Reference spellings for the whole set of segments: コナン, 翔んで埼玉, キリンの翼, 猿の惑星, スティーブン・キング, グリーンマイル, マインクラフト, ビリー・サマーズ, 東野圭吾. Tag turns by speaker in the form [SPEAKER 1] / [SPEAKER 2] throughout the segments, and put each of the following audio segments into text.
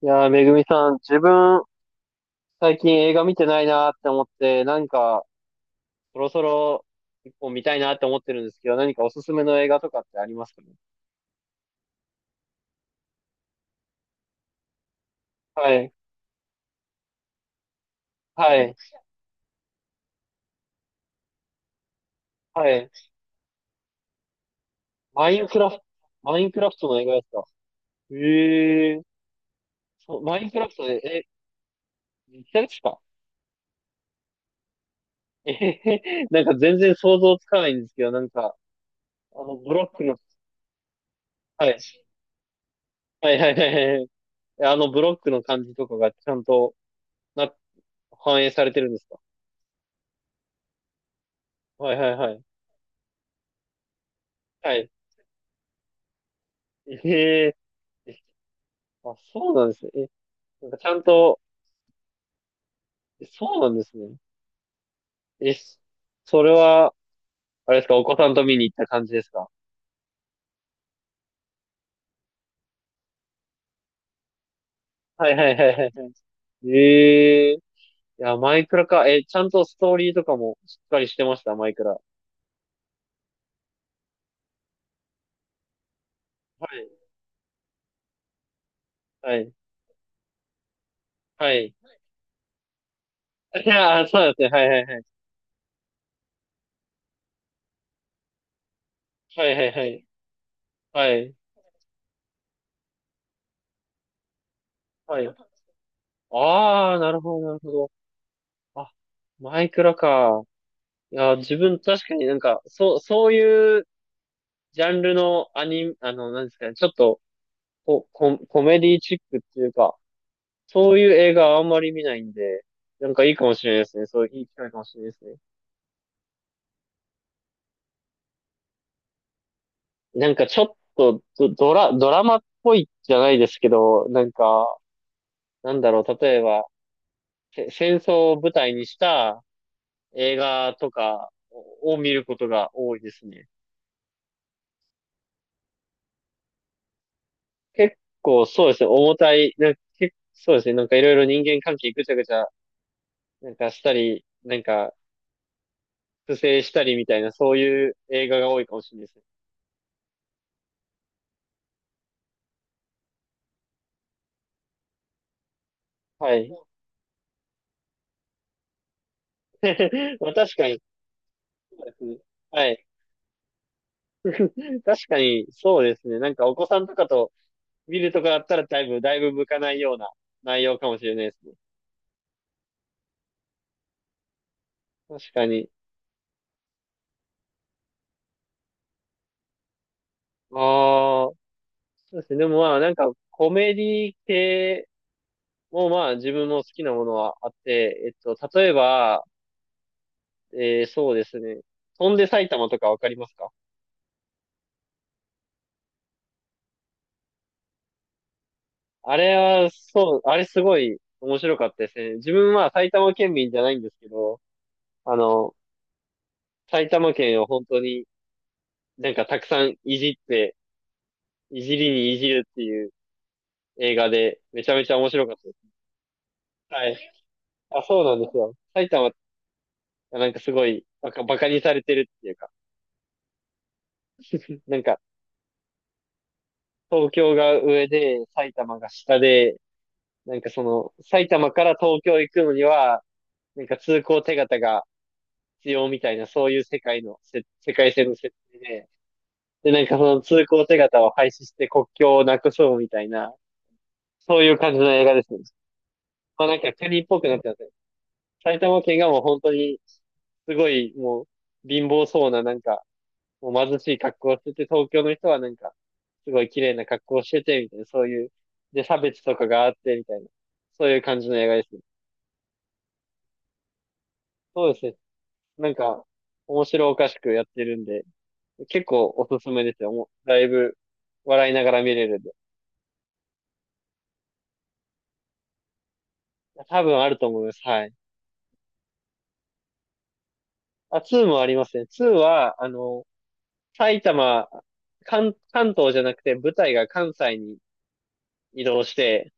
[SPEAKER 1] いやー、めぐみさん、自分、最近映画見てないなーって思って、何か、そろそろ、一本見たいなって思ってるんですけど、何かおすすめの映画とかってありますかね？はい、はい、はい。マインクラフト、マインクラフトの映画ですか？えー、そう、マインクラフトで、実際ですか？えへへ なんか全然想像つかないんですけど、なんか、ブロックの、はい、はい、はい、はいはい、ブロックの感じとかがちゃんとな、反映されてるんですか？はい、はい、はい。えええ。あ、そうなんですね。なんかちゃんと、そうなんですね。え、それは、あれですか、お子さんと見に行った感じですか？はいはいはいはいはい。ええ、いや、マイクラか。ちゃんとストーリーとかもしっかりしてました、マイクラ。はい、はい、はい。いやー、そうなんですね。はいはいはい。はいはいはい。はい、はい。ああ、なるほど、なるほど。あ、マイクラか。いや、自分確かになんか、そう、そういうジャンルのアニ、あの、なんですかね、ちょっとコメディチックっていうか、そういう映画はあんまり見ないんで、なんかいいかもしれないですね。そういういい機会かもしれないですね。なんかちょっとドラマっぽいじゃないですけど、なんか、なんだろう、例えば、戦争を舞台にした映画とかを見ることが多いですね。結構そうですね、重たい、なんか結構そうですね、なんかいろいろ人間関係ぐちゃぐちゃ、なんかしたり、なんか不正したりみたいな、そういう映画が多いかもしれないですね。はい。まあ確かに、そうですね。はい。確かに、そうですね。なんかお子さんとかと見るとかだったらだいぶ、だいぶ向かないような内容かもしれないですね。確かに。ああ、そうですね。でもまあなんかコメディ系もまあ自分の好きなものはあって、例えば、そうですね。翔んで埼玉とかわかりますか？あれは、そう、あれすごい面白かったですね。自分は埼玉県民じゃないんですけど、あの、埼玉県を本当になんかたくさんいじって、いじりにいじるっていう映画で、めちゃめちゃ面白かったです。はい。あ、そうなんですよ。埼玉がなんかすごいバカにされてるっていうか、なんか東京が上で埼玉が下で、なんかその埼玉から東京行くのには、なんか通行手形が必要みたいな、そういう世界線の設定で、で、なんかその通行手形を廃止して国境をなくそうみたいな、そういう感じの映画ですね。まあなんか国っぽくなってますね。埼玉県がもう本当に、すごいもう貧乏そうななんか、もう貧しい格好をしてて、東京の人はなんか、すごい綺麗な格好をしてて、みたいな、そういう、で、差別とかがあって、みたいな、そういう感じの映画ですね。そうですね。なんか、面白おかしくやってるんで、結構おすすめですよ。もうだいぶ笑いながら見れるんで。多分あると思います。はい。あ、2もありますね。2は、埼玉、関東じゃなくて舞台が関西に移動して、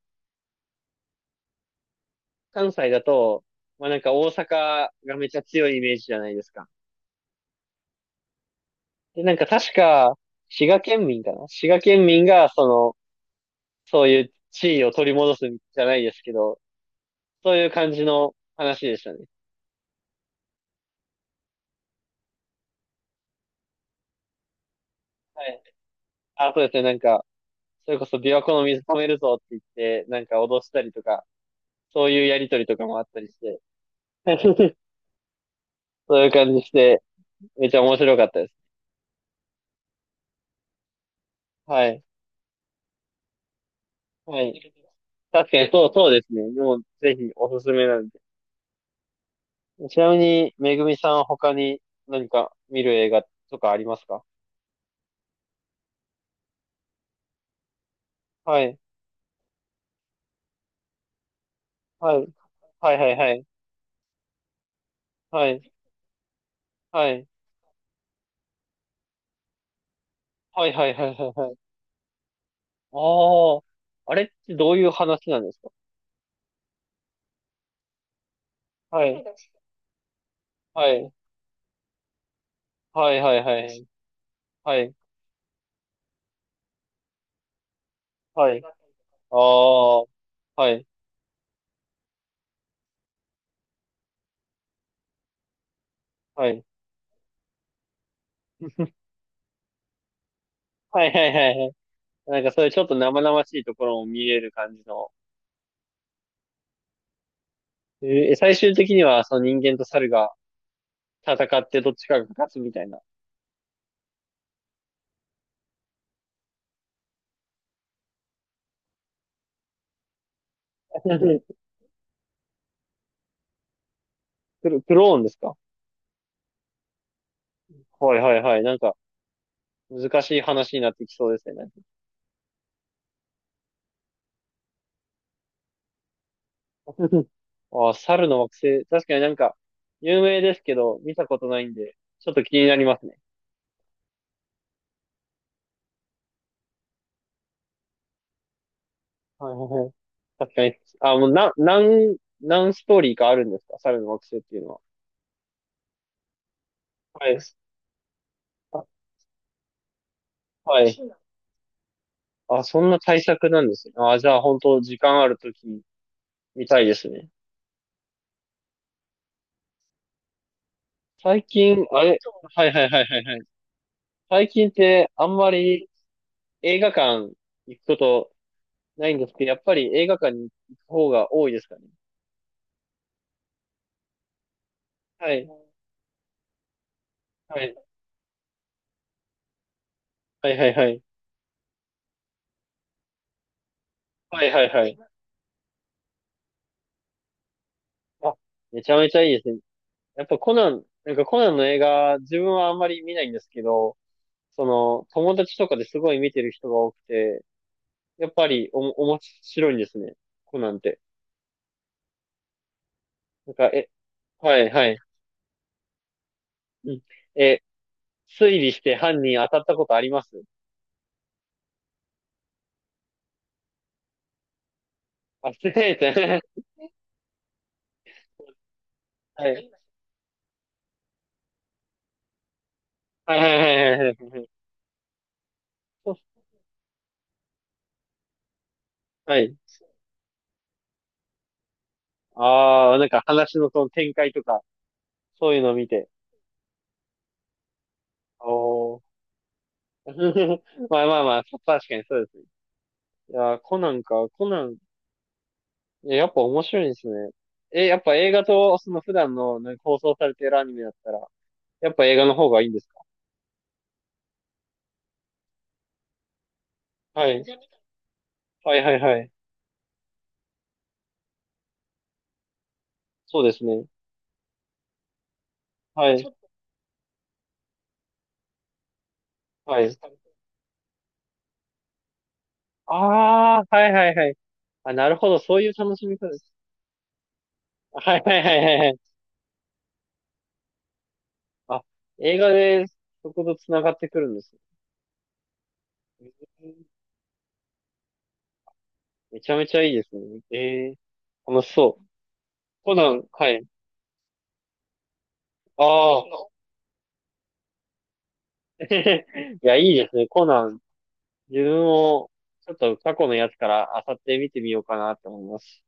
[SPEAKER 1] 関西だと、まあなんか大阪がめちゃ強いイメージじゃないですか。で、なんか確か、滋賀県民かな滋賀県民が、そういう地位を取り戻すんじゃないですけど、そういう感じの話でしたね。はい。あ、そうですね。なんか、それこそ琵琶湖の水止めるぞって言って、なんか脅したりとか、そういうやりとりとかもあったりして、そういう感じして、めっちゃ面白かったです。はい。はい。確かにそうですね。もうぜひおすすめなんで。ちなみに、めぐみさん他に何か見る映画とかありますか？はい。はい。はいはいはい。はい。はい。はいはいはいはいはい。ああ、あれってどういう話なんですか？はい。はい。はいはいはい。はい。はい。ああ、はい。はい。はいはいはいはい。なんかそういうちょっと生々しいところも見れる感じの。えー最終的にはその人間と猿が戦ってどっちかが勝つみたいな。クローンですか？はいはいはい。なんか難しい話になってきそうですね。なんか あー猿の惑星。確かになんか有名ですけど、見たことないんで、ちょっと気になりますね。はいはいはい。確かに。あ、もう何ストーリーかあるんですか猿の惑星っていうのは？はい。あ、はい。あ、そんな対策なんですね。あ、じゃあ本当時間あるとき見たいですね。最近、あれ、はいはいはいはいはい。最近ってあんまり映画館行くことないんですけど、やっぱり映画館に行く方が多いですかね？はい。はい。はいはいはい。はいはいはい。あ、めちゃめちゃいいですね。やっぱコナン、なんかコナンの映画、自分はあんまり見ないんですけど、友達とかですごい見てる人が多くて、やっぱり面白いんですね。コナンって。なんか、はいはい。うん。え、推理して犯人当たったことありますあ、すいません。はい。はいはいはいはいはい。そう、はい。ああ、なんか話のその展開とか、そういうのを見て。おお。まあまあまあ、確かにそうですね。いやー、コナンか、コナン、いや、やっぱ面白いですね。やっぱ映画と、その普段の、ね、放送されてるアニメだったら、やっぱ映画の方がいいんですか？はい。はいはいはい。そうですね。はい。はい。ああ、はいはいはい。あ、なるほど。そういう楽しみ方です。はいはいはいはいはい。あ、映画でそこと繋がってくるんですね。めちゃめちゃいいですね。ええ、楽しそう。コナン、はい。ああ。いや、いいですね。コナン、自分も、ちょっと過去のやつからあさって見てみようかなと思います。